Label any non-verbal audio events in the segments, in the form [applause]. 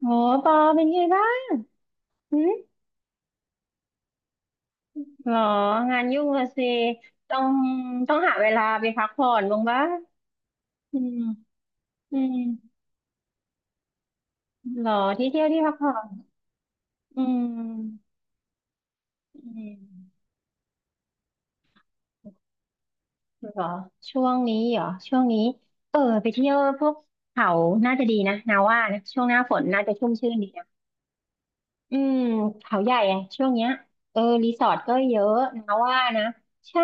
โหปอเป็นไงบ้างหืมหรอ งานยุ่งอะสิต้องหาเวลาไปพักผ่อนบ้างบ้าอืมอืมหรอที่เที่ยวที่พักผ่อนอืมอืมหรอช่วงนี้เหรอช่วงนี้เออไปเที่ยวพวกเขาน่าจะดีนะนาว่านะช่วงหน้าฝนน่าจะชุ่มชื่นดี อืมเขาใหญ่อะช่วงเนี้ยเออรีสอร์ทก็เยอะนะว่านะใช่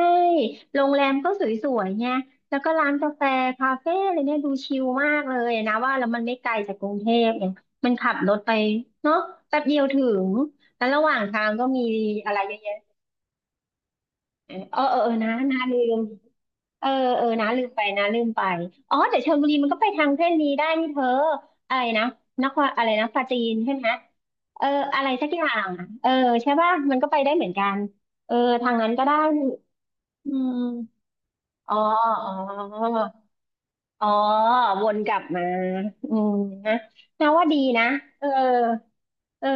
โรงแรมก็สวยๆไงแล้วก็ร้านกาแฟคาเฟ่อะไรเนี่ยดูชิลมากเลยนะว่าแล้วมันไม่ไกลจากกรุงเทพเนี่ยมันขับรถไปเนาะแป๊บเดียวถึงแล้วระหว่างทางก็มีอะไรเยอะ เออเออเออนะนะลืมเออเออนะลืมไปอ๋อแต่ชลบุรีมันก็ไปทางเส้นนี้ได้นี่เธออะไรนะนครอะไรนะปราจีนใช่ไหมเอออะไรสักอย่างอะเออใช่ป่ะมันก็ไปได้เหมือนกันเออทางนั้นก็ได้อืมอ๋ออ๋ออ๋อวนกลับมาอืมนะนาว่าดีนะเออเออ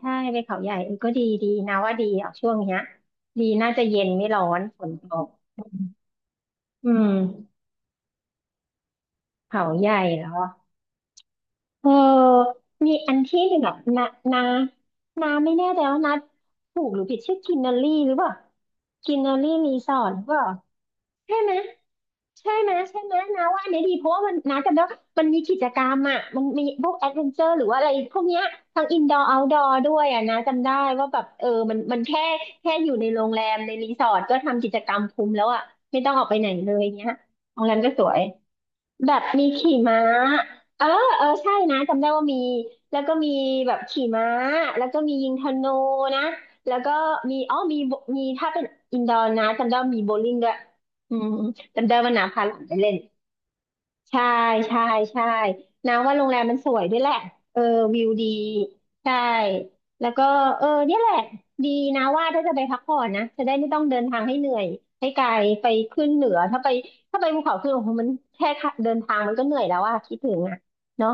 ใช่ไปเขาใหญ่เออก็ดีดีนาว่าดีอ่ะช่วงเนี้ยดีน่าจะเย็นไม่ร้อนฝนตกอืม เขาใหญ่เหรอเออมีอันที่หนึ่งอนานา นาไม่แน่ใจว่านาถูกหรือผิดชื่อกินนอรี่หรือเปล่ากินนอรี่รีสอร์ทหรือเปล่า ใช่ไหมใช่ไหมนาว่าอันนี้ดีเพราะว่ามันนาจำได้ว่ามันมีกิจกรรมอ่ะมันมีพวกแอดเวนเจอร์หรือว่าอะไรพวกเนี้ยทั้งอินดอร์เอาท์ดอร์ด้วยอ่ะนาจำได้ว่าแบบเออมันแค่อยู่ในโรงแรมในรีสอร์ทก็ทำกิจกรรมคุ้มแล้วอ่ะไม่ต้องออกไปไหนเลยเงี้ยโรงแรมก็สวย แบบมีขี่ม้าเออเออใช่นะจำได้ว่ามี แล้วก็มีแบบขี่ม้าแล้วก็มียิงธนูนะแล้วก็มีอ๋อมีถ้าเป็นอินดอร์นะจำได้ว่ามีโบว์ลิ่งด้วยอืมจำได้ว่าน้าพาหลานไปเล่น ใช่ใช่ใช่นะว่าโรงแรมมันสวยด้วยแหละเออวิวดีใช่แล้วก็เออเนี่ยแหละดีนะว่าถ้าจะไปพักผ่อนนะจะได้ไม่ต้องเดินทางให้เหนื่อยให้ไกลไปขึ้นเหนือถ้าไปภูเขาขึ้นโอ้โหมันแค่เดินทางมันก็เหนื่อยแล้วอะคิดถึงอะเนาะ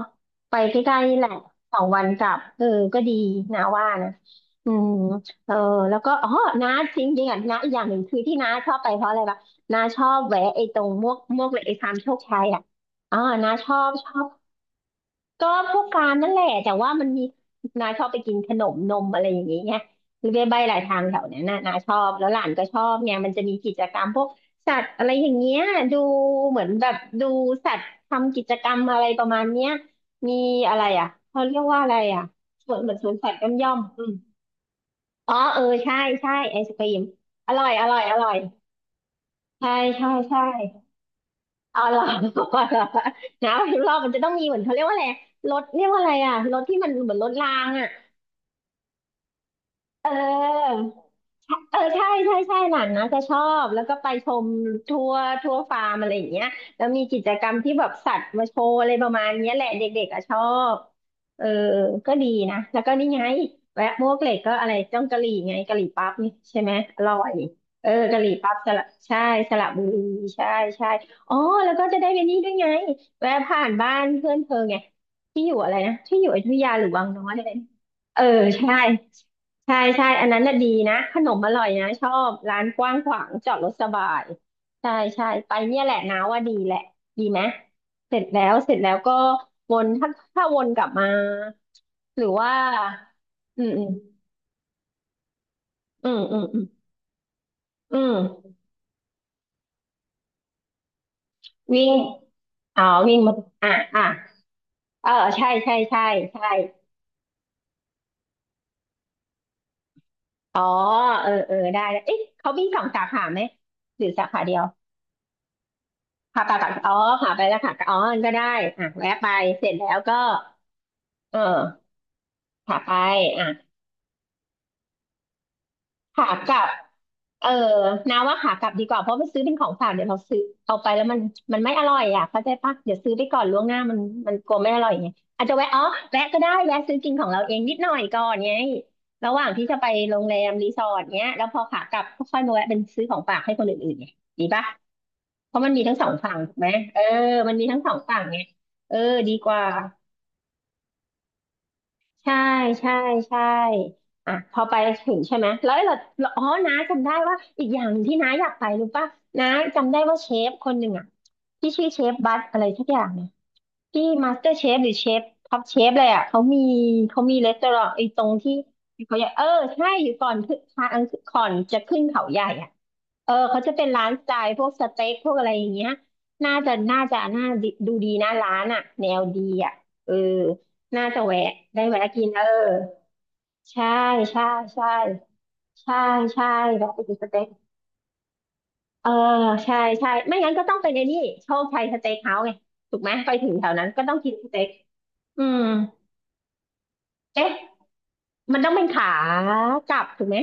ไปใกล้ๆนี่แหละสองวันกลับเออก็ดีนะว่านะอืมเออแล้วก็อ๋อนะจริงๆอ่ะนะอีกอย่างหนึ่งคือที่น้าชอบไปเพราะอะไรปะน้าชอบแวะไอ้ตรงมวกเหล็กไอ้ฟาร์มโชคชัยอ่ะ อ่านะชอบชอบก็พวกการนั่นแหละแต่ว่ามันมีนาชอบไปกินขนมนมอะไรอย่างเงี้ยหรือไปใบหลายทางแถวเนี้ยนะนาชอบแล้วหลานก็ชอบเนี่ยมันจะมีกิจกรรมพวกสัตว์อะไรอย่างเงี้ยดูเหมือนแบบดูสัตว์ทำกิจกรรมอะไรประมาณเนี้ยมีอะไรอ่ะเขาเรียกว่าอะไรอ่ะสวนเหมือนสวนสัตว์ย่อมย่อมอืมอ๋อเออใช่ใช่ไอศกรีมอร่อยอร่อยอร่อยใช่ใช่ใช่ เอาเหรอ [laughs] เอาเหรอนะพิมพ์รอบมันจะต้องมีเหมือนเขาเรียกว่าอะไร รถเรียกว่าอะไรอ่ะ รถที่มันเหมือนรถรางอ่ะ เออ เออใช่ใช่ใช่หลานนะจะชอบแล้วก็ไปชมทัวร์ฟาร์มอะไรอย่างเงี้ยแล้วมีกิจกรรมที่แบบสัตว์มาโชว์อะไรประมาณเนี้ยแหละเด็กๆอะชอบเออก็ดีนะแล้วก็นี่ไงแวะมวกเหล็กก็อะไรจ้องกะหรี่ไงกะหรี่ปั๊บนี่ใช่ไหมอร่อยเออกะหรี่ปั๊บสระใช่สระบุรีใช่ใช่อ๋อแล้วก็จะได้ไปนี่ด้วยไงแวะผ่านบ้านเพื่อนเธอไงที่อยู่อะไรนะที่อยู่อยุธยาหรือวังน้อยอะไรนะเออใช่ ใช่ใช่อันนั้นน่ะดีนะขนมอร่อยนะชอบร้านกว้างขวางจอดรถสบายใช่ใช่ไปเนี่ยแหละนะว่าดีแหละดีไหมเสร็จแล้วก็วนถ้าวนกลับมาหรือว่าอืมอืมอืมอืมอืมอืมวิ่งอ๋อวิ่งมาอ่ะเออใช่ใช่ใช่ใช่อ๋อเออเออได้ได้เอ๊ะเขามีสองสาขาไหมหรือสาขาเดียวขาไปากัอ๋อขาไปแล้วค่ะอ๋อก็ได้อ่ะแวะไปเสร็จแล้วก็เออ ขาไปอ่ะขากลับเออนาว่าขากลับดีกว่าเพราะไปซื้อเป็นของฝากเดี๋ยวเราซื้อเอาไปแล้วมันไม่อร่อยอ่ะเข้าใจปะเดี๋ยวซื้อไปก่อนล่วงหน้ามันกลัวไม่อร่อยไงอาจจะแวะอ๋อแวะก็ได้แวะซื้อกินของเราเองนิดหน่อยก่อนไงระหว่างที่จะไปโรงแรมรีสอร์ทเนี้ยแล้วพอขากลับก็ค่อยมาแวะเป็นซื้อของฝากให้คนอื่นๆไงดีปะเพราะมันมีทั้งสองฝั่งถูกไหมเออมันมีทั้งสองฝั่งไงเออดีกว่า ใช่ใช่ใช่อ่ะพอไปถึงใช่ไหมแล้วเราอ๋อน้าจำได้ว่าอีกอย่างที่น้าอยากไปรู้ป่ะน้าจำได้ว่าเชฟคนหนึ่งอ่ะที่ชื่อเชฟบัตอะไรสักอย่างเนี่ยที่มาสเตอร์เชฟหรือเชฟท็อปเชฟเลยอ่ะเขามีเขามีรีสอร์ทไอ้ตรงที่เขาอยากเออใช่อยู่ก่อนขึ้นทางก่อนจะขึ้นเขาใหญ่อ่ะ เออเขาจะเป็นร้านสไตล์พวกสเต็กพวกอะไรอย่างเงี้ยน่าดูดีนะร้านอ่ะแนวดีอ่ะเออน่าจะแวะได้แวะกินเออใช่ใช่ใช่ใช่ใช่แวะไปกินสเต็กเออใช่ใช่ไม่งั้นก็ต้องเป็นไอ้นี่โชคชัยสเต็กเฮาส์ไงถูกไหมไปถึงแถวนั้นก็ต้องกินสเต็กอืมเอ๊ะมันต้องเป็นขากลับถูกไหม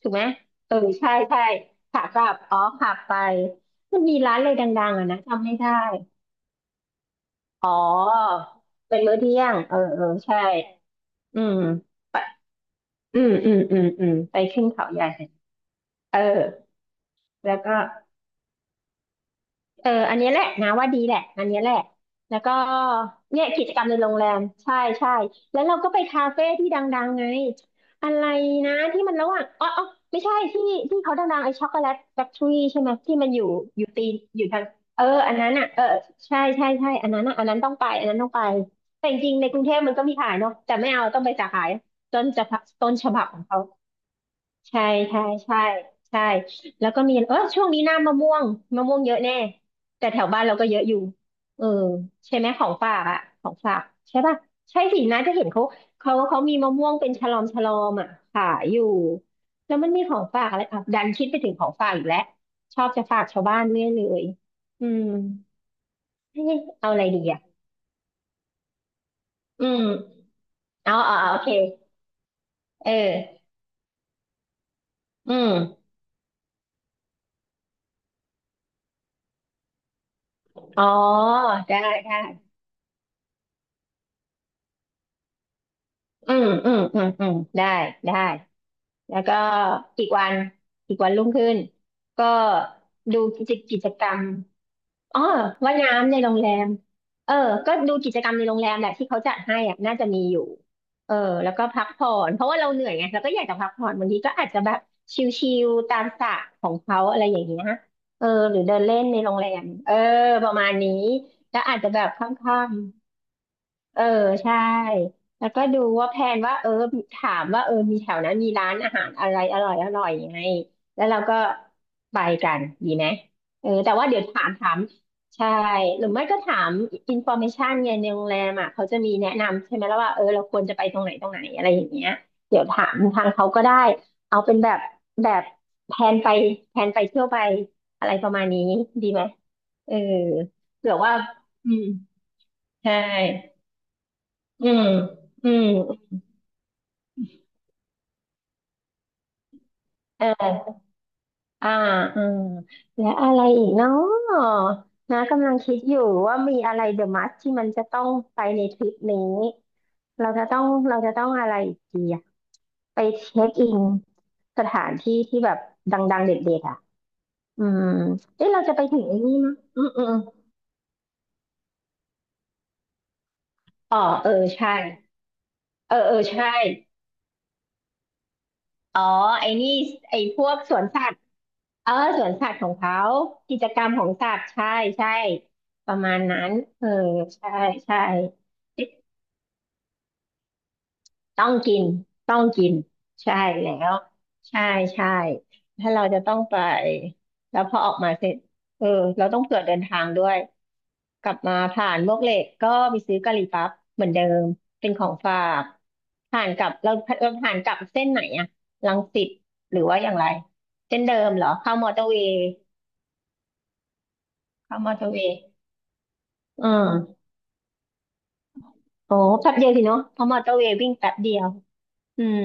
ถูกไหมเออใช่ใช่ขากลับอ๋อขับไปมันมีร้านอะไรดังๆอะนะจำไม่ได้ อ๋อเป็นมื้อเที่ยงเออเออใช่ อืมไปอืมอืมอืมอืมไปขึ้นเขาใหญ่เออแล้วก็ เอออันนี้แหละนะว่าดีแหละอันนี้แหละแล้วก็เนี่ยกิจกรรมในโรงแรมใช่ใช่แล้วเราก็ไปคาเฟ่ที่ดังๆไงอะไรนะที่มันระหว่างอ๋ออ๋อไม่ใช่ที่เขาดังๆไอ้ช็อกโกแลตแฟคทรีใช่ไหมที่มันอยู่อยู่ตีนอยู่ทางเอออันนั้นอ่ะเออใช่ใช่ใช่อันนั้นอ่ะอันนั้นต้องไปอันนั้นต้องไปแต่จริงๆในกรุงเทพมันก็มีขายเนาะแต่ไม่เอาต้องไปสาขายต้นจะต้นฉบับของเขา ใช่ใช่ใช่ใช่แล้วก็มีเออช่วงนี้หน้ามะม่วงมะม่วงเยอะแน่แต่แถวบ้านเราก็เยอะอยู่เออใช่ไหมของฝากอ่ะของฝากใช่ป่ะใช่สินะจะเห็นเขาเขามีมะม่วงเป็นฉลอมฉลอมอ่ะขายอยู่แล้วมันมีของฝากอะไรอ่ะดันคิดไปถึงของฝากอีกแล้วชอบจะฝากชาวบ้านเรื่อยเลยอืมเอ๊ะเอาอะไรดีอ่ะอืมเอาโอเคเอออืมอ๋อได้ได้อืมอืมอืมอืมได้ได้ แล้วก็อีกวันอีกวันรุ่งขึ้นก็ดูกิจกรรมอ๋อว่ายน้ำในโรงแรมเออก็ดูกิจกรรมในโรงแรมแหละที่เขาจัดให้อ่ะน่าจะมีอยู่เออแล้วก็พักผ่อนเพราะว่าเราเหนื่อยไงเราก็อยากจะพักผ่อนบางทีก็อาจจะแบบชิลๆตามสระของเขาอะไรอย่างเงี้ยเออหรือเดินเล่นในโรงแรมเออประมาณนี้แล้วอาจจะแบบค่ำ เออใช่แล้วก็ดูว่าแพลนว่าเออถามว่าเออมีแถวนั้นมีร้านอาหารอะไรอร่อยอร่อยยังไงแล้วเราก็ไปกันดีไหมเออแต่ว่าเดี๋ยวถามใช่หรือไม่ก็ถามอินฟอร์เมชันเนี่ยในโรงแรมอ่ะเขาจะมีแนะนำใช่ไหมแล้วว่าเออเราควรจะไปตรงไหนตรงไหนอะไรอย่างเงี้ยเดี๋ยวถามทางเขาก็ได้เอาเป็นแบบแบบแพลนไปแพลนไปเที่ยวไปอะไรประมาณนี้ดีไหมเออเผื่อว่าอืมใช่ อืม อืมเอออ่าอืม แล้วอะไรอีกเนาะนะกำลังคิดอยู่ว่ามีอะไรเดอะมัสที่มันจะต้องไปในทริปนี้ เราจะต้อง เราจะต้องอะไรอีกดีอะไปเช็คอินสถานที่ที่แบบดังๆเด็ดๆอ่ะอืม เอ๊ะเราจะไปถึงไอ้นี่มั้ยอืมอืมอมอ๋อ เออ ใช่ เออ เออ ใช่ อ๋อไอ้นี่ไอ้พวกสวนสัตว์เออสวนสัตว์ของเขากิจกรรมของสัตว์ใช่ใช่ประมาณนั้นเออใช่ใช่ ต้องกินต้องกินใช่แล้วใช่ใช่ถ้าเราจะต้องไปแล้วพอออกมาเสร็จเออเราต้องเผื่อเดินทางด้วยกลับมาผ่านมวกเหล็กก็ไปซื้อกะหรี่ปั๊บเหมือนเดิมเป็นของฝากผ่านกลับเราผ่านกลับเส้นไหนอะรังสิตหรือว่าอย่างไรเส้นเดิมเหรอเข้ามอเตอร์เวย์เข้ามอเตอร์เวย์อืมโอ้แป๊บเดียวสิเนาะเพราะมอเตอร์เวย์วิ่งแป๊บเดียวอืม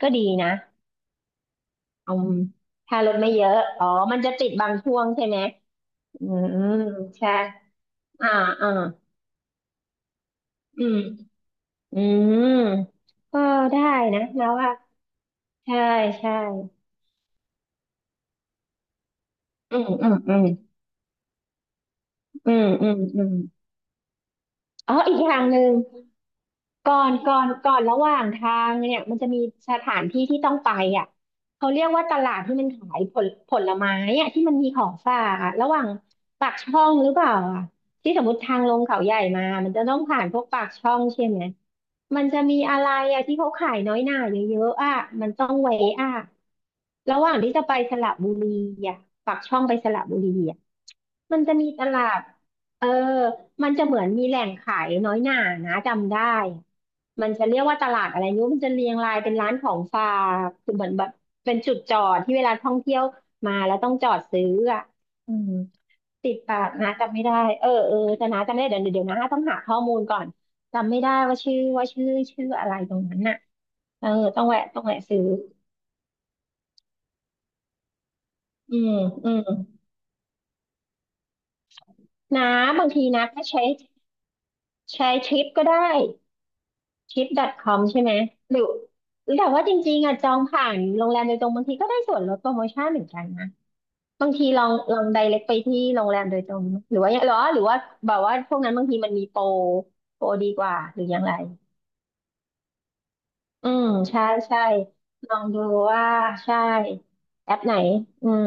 ก็ดีนะ อืมถ้ารถไม่เยอะอ๋อมันจะติดบางช่วงใช่ไหมอืมใช่อ่าอ่าอืมอืมก็ได้นะแล้วว่าใช่ใช่อืมอืมอืมอืมอืมอืม อ๋ออีกอย่างหนึ่งก่อนระหว่างทางเนี่ยมันจะมีสถานที่ที่ต้องไปอ่ะเขาเรียกว่าตลาดที่มันขายผลไม้อ่ะที่มันมีของฝากอ่ะระหว่างปากช่องหรือเปล่าอ่ะที่สมมติทางลงเขาใหญ่มามันจะต้องผ่านพวกปากช่องใช่ไหมมันจะมีอะไรอ่ะที่เขาขายน้อยหน่าเยอะๆอ่ะมันต้องเวะอ่ะระหว่างที่จะไปสระบุรีอ่ะปากช่องไปสระบุรีอ่ะ มันจะมีตลาดเออมันจะเหมือนมีแหล่งขายน้อยหน่านะจำได้มันจะเรียกว่าตลาดอะไรไม่รู้มันจะเรียงรายเป็นร้านของฝากคือเหมือนแบบเป็นจุดจอดที่เวลาท่องเที่ยวมาแล้วต้องจอดซื้ออ่ะอืมติดปากนะจำไม่ได้เออเออแต่นะจำไม่ได้เดี๋ยวนะต้องหาข้อมูลก่อนจำไม่ได้ว่าชื่ออะไรตรงนั้นน่ะเออต้องแวะซื้ออืมอืมนะบางทีนะก็ใช้ทริปก็ได้ trip.com ใช่ไหมหรือหรือแต่ว่าจริงๆอ่ะจองผ่านโรงแรมโดยตรงบางทีก็ได้ส่วนลดโปรโมชั่นเหมือนกันนะบางทีลอง direct ไปที่โรงแรมโดยตรงหรือว่าแบบว่าพวกนั้นบางทีมันมีโปรดีกว่าหรือยังไรอืมใช่ใช่ลองดูว่าใช่แอปไหนอืม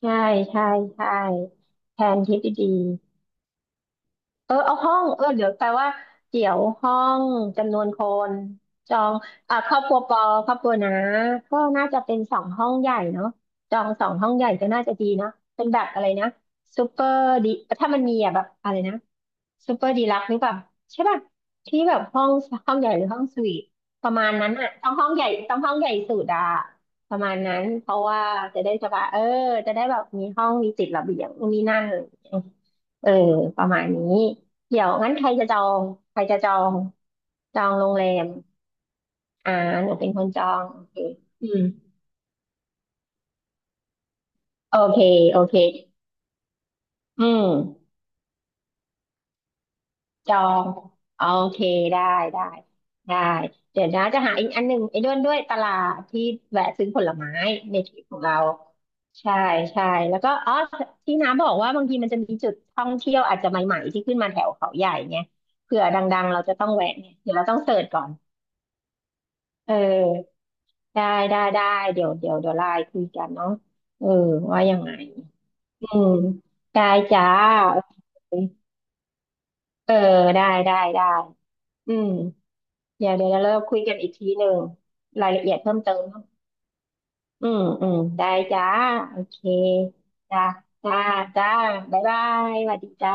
ใช่ใช่ใช่แทนทริปดีๆ เออเอาห้องเออเดี๋ยวแปลว่าเกี่ยวห้องจำนวนคนจองอ่าครอบครัวนะก็น่าจะเป็นสองห้องใหญ่เนาะจองสองห้องใหญ่ก็น่าจะดีนะเป็นแบบอะไรนะซูเปอร์ดีถ้ามันมีอ่ะแบบอะไรนะซูเปอร์ดีลักซ์หรือเปล่าใช่ป่ะที่แบบห้องใหญ่หรือห้องสวีทประมาณนั้นอ่ะต้องห้องใหญ่สุดอะประมาณนั้นเพราะว่าจะได้สบายเออจะได้แบบมีห้องมีติดระเบียงนี่นั่น เออประมาณนี้เดี๋ยวงั้นใครจะจองใครจะจองจองโรงแรมอ่าหนูเป็นคนจองโอเคอืมโอเคโอเคอืมจองโอเคได้ได้ได้เดี๋ยวนะจะหาอีกอันหนึ่งไอ้ด้วนด้วยตลาดที่แวะซื้อผลไม้ในทริปของเราใช่ใช่แล้วก็อ๋อที่น้าบอกว่าบางทีมันจะมีจุดท่องเที่ยวอาจจะใหม่ๆที่ขึ้นมาแถวเขาใหญ่เนี่ยเผื่อดังๆเราจะต้องแวะเนี่ยเดี๋ยวเราต้องเสิร์ชก่อนเออ ได้ได้ได้เดี๋ยวไลน์คุยกันเนาะเออว่ายังไงอืมได้จ้าโอเคเออได้ได้ได้อืมเดี๋ยวเราคุยกันอีกทีหนึ่งรายละเอียดเพิ่มเติมเนอะอืมอืมได้จ้าโอเคจ้าจ้าจ้าบ๊ายบายสวัสดีจ้า